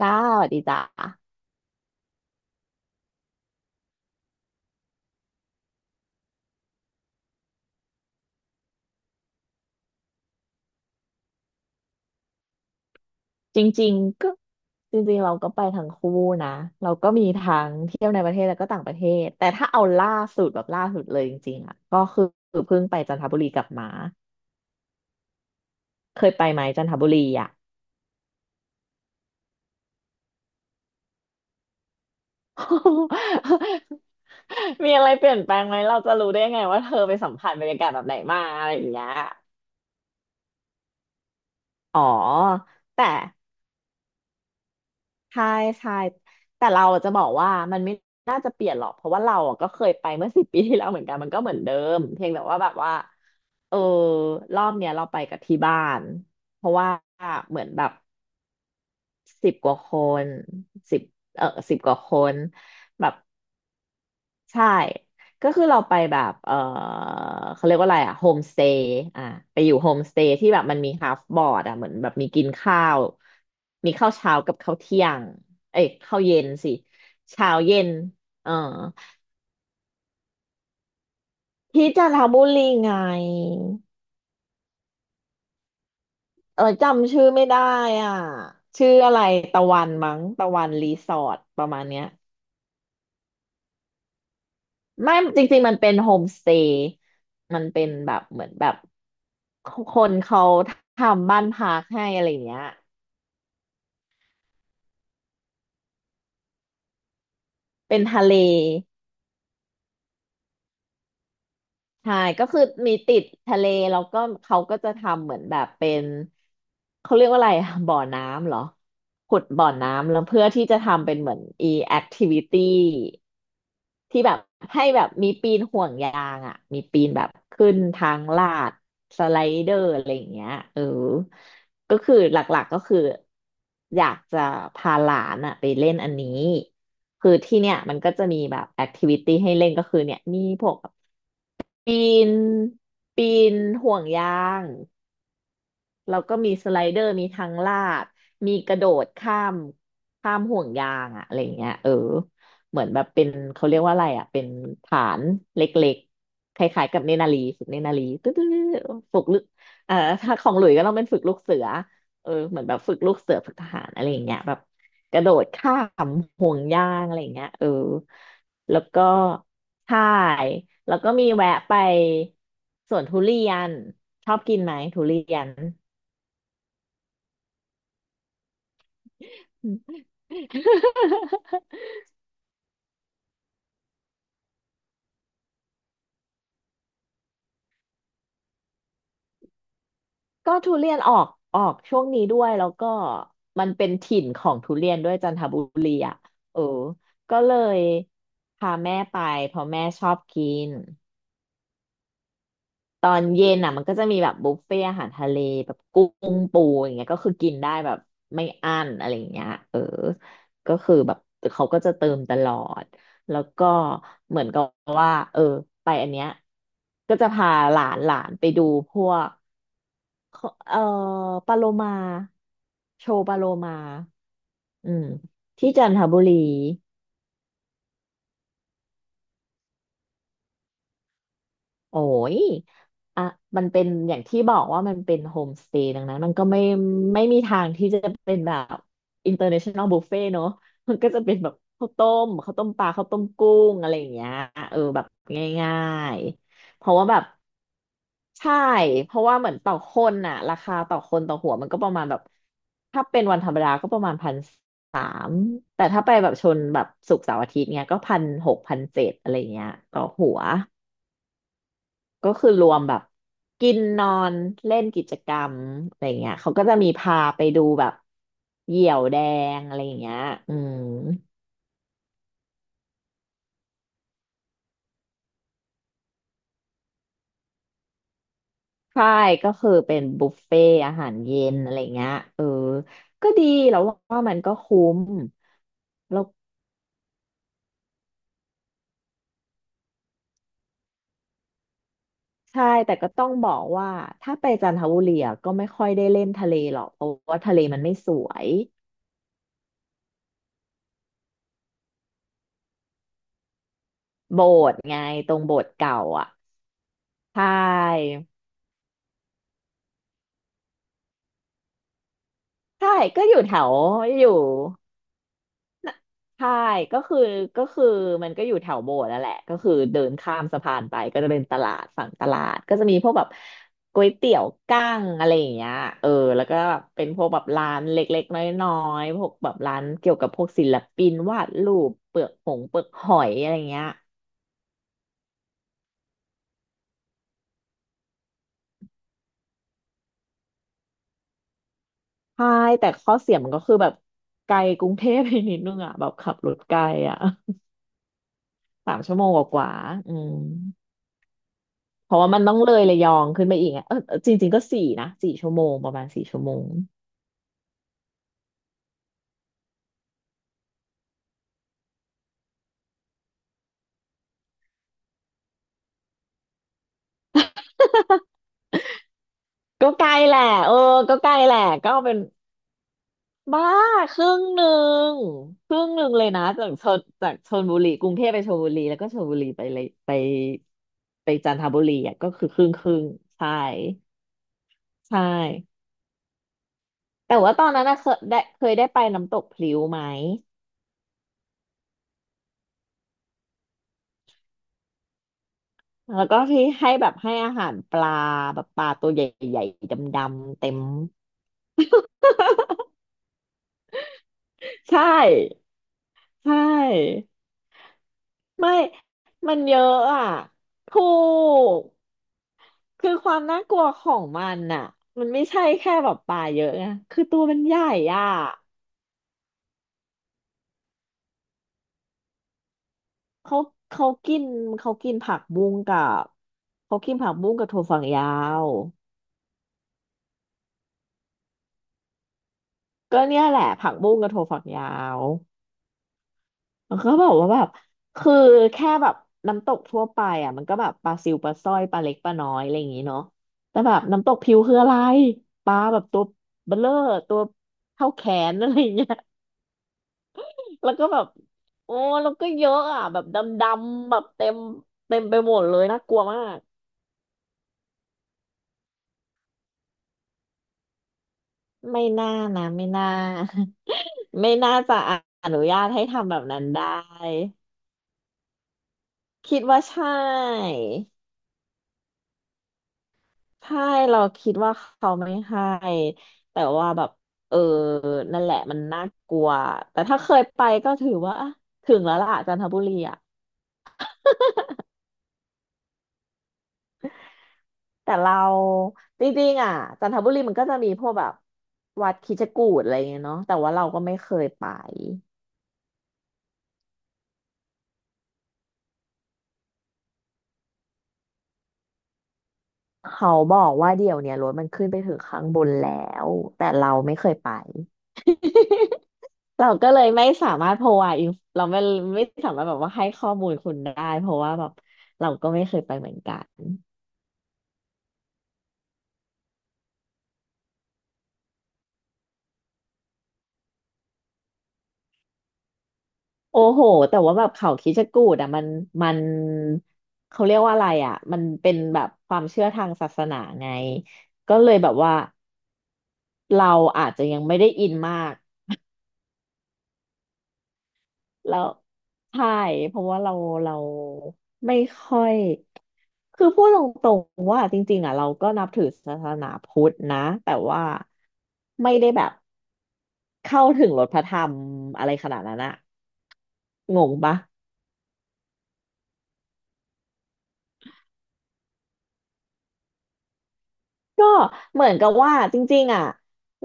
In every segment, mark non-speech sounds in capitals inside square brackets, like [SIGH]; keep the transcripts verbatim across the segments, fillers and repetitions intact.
จ้าสวัสดีจ้าจริงๆก็จริงๆเราก็ไปทั้งคู่นะเราก็มีทั้งเที่ยวในประเทศแล้วก็ต่างประเทศแต่ถ้าเอาล่าสุดแบบล่าสุดเลยจริงๆอ่ะก็คือเพิ่งไปจันทบุรีกลับมาเคยไปไหมจันทบุรีอ่ะ [LAUGHS] มีอะไรเปลี่ยนแปลงไหมเราจะรู้ได้ไงว่าเธอไปสัมผัสบรรยากาศแบบไหนมาอะไรอย่างเงี้ยอ๋อแต่ ใช่ใช่แต่เราจะบอกว่ามันไม่น่าจะเปลี่ยนหรอกเพราะว่าเราอะก็เคยไปเมื่อสิบปีที่แล้วเหมือนกันมันก็เหมือนเดิมเพียงแต่ว่าแบบว่าเออรอบเนี้ยเราไปกับที่บ้านเพราะว่าเหมือนแบบสิบกว่าคนสิบเออสิบกว่าคนแบบ ใช่ ก็คือเราไปแบบเออเขาเรียกว่าอะไรอะโฮมสเตย์อ่ะไปอยู่โฮมสเตย์ที่แบบมันมีฮาฟบอร์ดอะเหมือนแบบมีกินข้าว มีข้าวเช้ากับข้าวเที่ยง เอ้ยข้าวเย็นสิเช้าเย็นเออที่จันทบุรีไงเออจำชื่อไม่ได้อ่ะชื่ออะไรตะวันมั้งตะวันรีสอร์ทประมาณเนี้ย ไม่จริงๆมันเป็นโฮมสเตย์มันเป็นแบบเหมือนแบบคนเขาทำบ้านพักให้อะไรอย่างเงี้ยเป็นทะเลใช่ก็คือมีติดทะเลแล้วก็เขาก็จะทำเหมือนแบบเป็นเขาเรียกว่าอะไรอะบ่อน้ำเหรอขุดบ่อน้ำแล้วเพื่อที่จะทำเป็นเหมือน e activity ที่แบบให้แบบมีปีนห่วงยางอ่ะมีปีนแบบขึ้นทางลาดสไลเดอร์อะไรอย่างเงี้ยเออก็คือหลักๆก็คืออยากจะพาหลานอ่ะไปเล่นอันนี้คือที่เนี่ยมันก็จะมีแบบแอคทิวิตี้ให้เล่นก็คือเนี่ยมีพวกปีนปีนห่วงยาง แล้วก็มีสไลเดอร์ มีทางลาดมีกระโดดข้ามข้ามห่วงยางอะอะไรเงี้ยเออเหมือนแบบเป็นเขาเรียกว่าอะไรอะเป็นฐานเล็กๆคล้ายๆกับเนนารีฝึกเนนารีตึ๊ดๆฝึกลึกเอ่อถ้าของหลุยก็ต้องเป็นฝึกลูกเสือเออเหมือนแบบฝึกลูกเสือฝึกทหารอะไรอย่างเงี้ยแบบกระโดดข้ามห่วงยางอะไรอย่างเงี้ยเออแล้วก็ใช่แล้วก็มีแวะไปสวนทุเรียนชอบกินไหมทุเรียน [LAUGHS] ก็ทุเรียนออกออกช่วงนี้ด้วยแล้วก็มันเป็นถิ่นของทุเรียนด้วยจันทบุรีอ่ะเออก็เลยพาแม่ไปเพราะแม่ชอบกินตอนเย็นอ่ะมันก็จะมีแบบบุฟเฟ่อาหารทะเลแบบกุ้งปูอย่างเงี้ยก็คือกินได้แบบไม่อั้นอะไรอย่างเงี้ยเออก็คือแบบเขาก็จะเติมตลอดแล้วก็เหมือนกับว่าเออไปอันเนี้ยก็จะพาหลานหลานไปดูพวก ขอเอ่อปาโลมาโชว์ปาโลมาอืมที่จันทบุรีโอ้ยอ่ะมันเป็นอย่างที่บอกว่ามันเป็นโฮมสเตย์ดังนั้นมันก็ไม่ไม่มีทางที่จะเป็นแบบอินเตอร์เนชั่นแนลบุฟเฟ่เนอะมันก็จะเป็นแบบข้าวต้มข้าวต้มปลาข้าวต้มกุ้งอะไรอย่างเงี้ยเออแบบง่ายๆเพราะว่าแบบใช่เพราะว่าเหมือนต่อคนน่ะราคาต่อคนต่อหัวมันก็ประมาณแบบถ้าเป็นวันธรรมดาก็ประมาณพัน อืมแต่ถ้าไปแบบชนแบบศุกร์เสาร์อาทิตย์เนี้ยก็พันหกพันเจ็ดอะไรเงี้ยต่อหัวก็คือรวมแบบกินนอนเล่นกิจกรรมอะไรเงี้ยเขาก็จะมีพาไปดูแบบเหยี่ยวแดงอะไรเงี้ยอืมใช่ก็คือเป็นบุฟเฟ่ต์อาหารเย็นอะไรเงี้ยเออก็ดีแล้วว่ามันก็คุ้มแล้วใช่แต่ก็ต้องบอกว่าถ้าไปจันทบุรีอะก็ไม่ค่อยได้เล่นทะเลหรอกเพราะว่าทะเลมันไม่สวย โบสถ์ไงตรงโบสถ์เก่าอ่ะใช่ใช่ก็อยู่แถวอยู่น่ะใช่ก็คือก็คือมันก็อยู่แถวโบสถ์นั่นแหละก็คือเดินข้ามสะพานไปก็จะเป็นตลาดฝั่งตลาดก็จะมีพวกแบบก๋วยเตี๋ยวกั้งอะไรอย่างเงี้ยเออแล้วก็เป็นพวกแบบร้านเล็กๆน้อยๆพวกแบบร้านเกี่ยวกับพวกศิลปินวาดรูปเปลือกหงเปลือกหอยอะไรเงี้ยใช่แต่ข้อเสียมันก็คือแบบไกลกรุงเทพไปนิดนึงอ่ะแบบขับรถไกลอ่ะ สามชั่วโมงกว่าๆอืมเพราะว่ามันต้องเลยระยองขึ้นไปอีกไงเออเออจริงๆก็สี่นะสี่ชั่วโมงประมาณสี่ชั่วโมงก็ไกลแหละเออก็ไกลแหละก็เป็นบ้าครึ่งหนึ่งครึ่งหนึ่งเลยนะจากชนจากชลบุรีกรุงเทพไปชลบุรีแล้วก็ชลบุรีไปเลยไปไปจันทบุรีอ่ะก็คือครึ่งครึ่งใช่ใช่แต่ว่าตอนนั้นนะเคยได้เคยได้ไปน้ำตกพลิ้วไหม แล้วก็ที่ให้แบบให้อาหารปลาแบบปลาตัวใหญ่ๆดำๆเต็ม [LAUGHS] ใช่ใช่ไม่มันเยอะอ่ะถูกคือความน่ากลัวของมันน่ะมันไม่ใช่แค่แบบปลาเยอะไงคือตัวมันใหญ่อ่ะเขาเขากินเขากินผักบุ้งกับเขากินผักบุ้งกับถั่วฝักยาวก็เนี่ยแหละผักบุ้งกับถั่วฝักยาว มันก็บอกว่าแบบคือแค่แบบน้ำตกทั่วไปอ่ะมันก็แบบปลาซิวปลาสร้อยปลาเล็กปลาน้อยอะไรอย่างงี้เนาะแต่แบบน้ำตกพิวคืออะไรปลาแบบตัวเบลเลอร์ตัวเท่าแขนอะไรอย่างเงี้ย [LAUGHS] แล้วก็แบบโอ้แล้วก็เยอะอ่ะแบบดำๆแบบเต็มเต็มไปหมดเลยน่ากลัวมากไม่น่านะไม่น่า [LAUGHS] ไม่น่าจะอนุญาตให้ทำแบบนั้นได้คิดว่าใช่ ใช่เราคิดว่าเขาไม่ให้แต่ว่าแบบเออนั่นแหละมันน่ากลัวแต่ถ้าเคยไปก็ถือว่าอ่ะถึงแล้วล่ะจันทบุรีอ่ะแต่เราจริงๆอ่ะจันทบุรีมันก็จะมีพวกแบบวัดคิดจกูฏอะไรเงี้ยเนาะแต่ว่าเราก็ไม่เคยไปเขาบอกว่าเดี๋ยวเนี้ยรถมันขึ้นไปถึงข้างบนแล้วแต่เราไม่เคยไป [LAUGHS] เราก็เลยไม่สามารถ provide inf- เราไม่ไม่สามารถแบบว่าให้ข้อมูลคุณได้เพราะว่าแบบเราก็ไม่เคยไปเหมือนกันโอ้โหแต่ว่าแบบเขาคิดจะกูดอ่ะมันมันเขาเรียกว่าอะไรอ่ะมันเป็นแบบความเชื่อทางศาสนาไงก็เลยแบบว่าเราอาจจะยังไม่ได้อินมากแล้วใช่เพราะว่าเราเราไม่ค่อยคือพูดตรงๆว่าจริงๆอ่ะเราก็นับถือศาสนาพุทธนะแต่ว่าไม่ได้แบบ เข้าถึงรถพระธรรมอะไรขนาดนั้นอะงงปะก็เหมือนกับว่าจริงๆอะ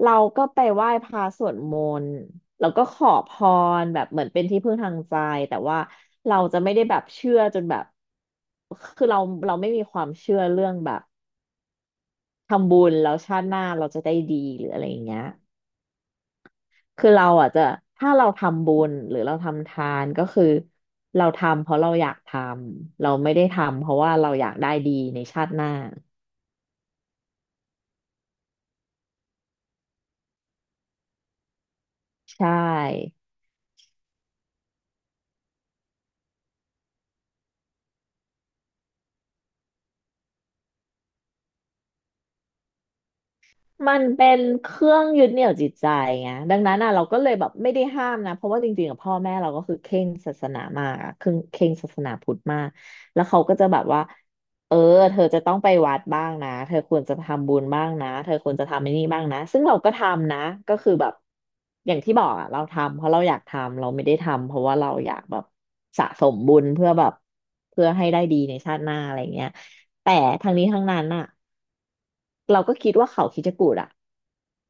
เราก็ไปไหว้พระสวดมนต์แล้วก็ขอพรแบบเหมือนเป็นที่พึ่งทางใจแต่ว่าเราจะไม่ได้แบบเชื่อจนแบบคือเราเราไม่มีความเชื่อเรื่องแบบทำบุญแล้วชาติหน้าเราจะได้ดีหรืออะไรอย่างเงี้ยคือเราอ่ะจะถ้าเราทำบุญหรือเราทำทานก็คือเราทำเพราะเราอยากทำเราไม่ได้ทำเพราะว่าเราอยากได้ดีในชาติหน้า ใช่ มันเป็นเครื่องยึดเหนี่ยวจิตใจไงดังนั้นอ่ะเราก็เลยแบบไม่ได้ห้ามนะ เพราะว่าจริงๆกับพ่อแม่เราก็คือเคร่งศาสนามากอะเคร่งเคร่งศาสนาพุทธมากแล้วเขาก็จะแบบว่า เออเธอจะต้องไปวัดบ้างนะ เธอควรจะทำบุญบ้างนะเธอควรจะทำไอ้นี่บ้างนะ ซึ่งเราก็ทำนะ ก็คือแบบอย่างที่บอกอ่ะเราทำเพราะเราอยากทำเราไม่ได้ทำเพราะว่าเราอยากแบบสะสมบุญเพื่อแบบเพื่อให้ได้ดีในชาติหน้าอะไรเงี้ยแต่ทั้งนี้ทั้งนั้นอ่ะ เราก็คิดว่าเขาคิดกูดอะ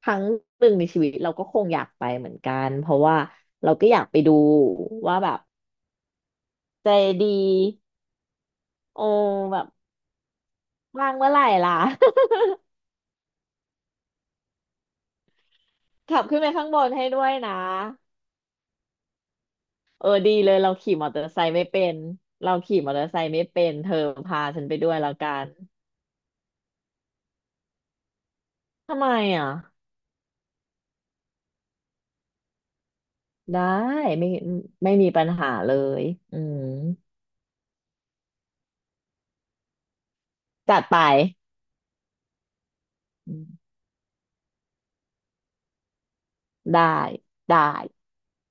ครั้งหนึ่งในชีวิตเราก็คงอยากไปเหมือนกันเพราะว่าเราก็อยากไปดูว่าแบบใจดีโอ้แบบว่างเมื่อไหร่ล่ะ [LAUGHS] ขับขึ้นไปข้างบนให้ด้วยนะเออดีเลยเราขี่มอเตอร์ไซค์ไม่เป็นเราขี่มอเตอร์ไซค์ไม่เป็นเธอพาฉันไปด้วยแล้วกันทำไมอ่ะได้ไม่ไม่มีปัญหาเลยอืมจัดไปอืมได้ได้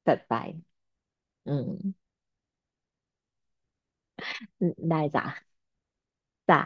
จัดไปอืมได้จ้ะ จ้ะ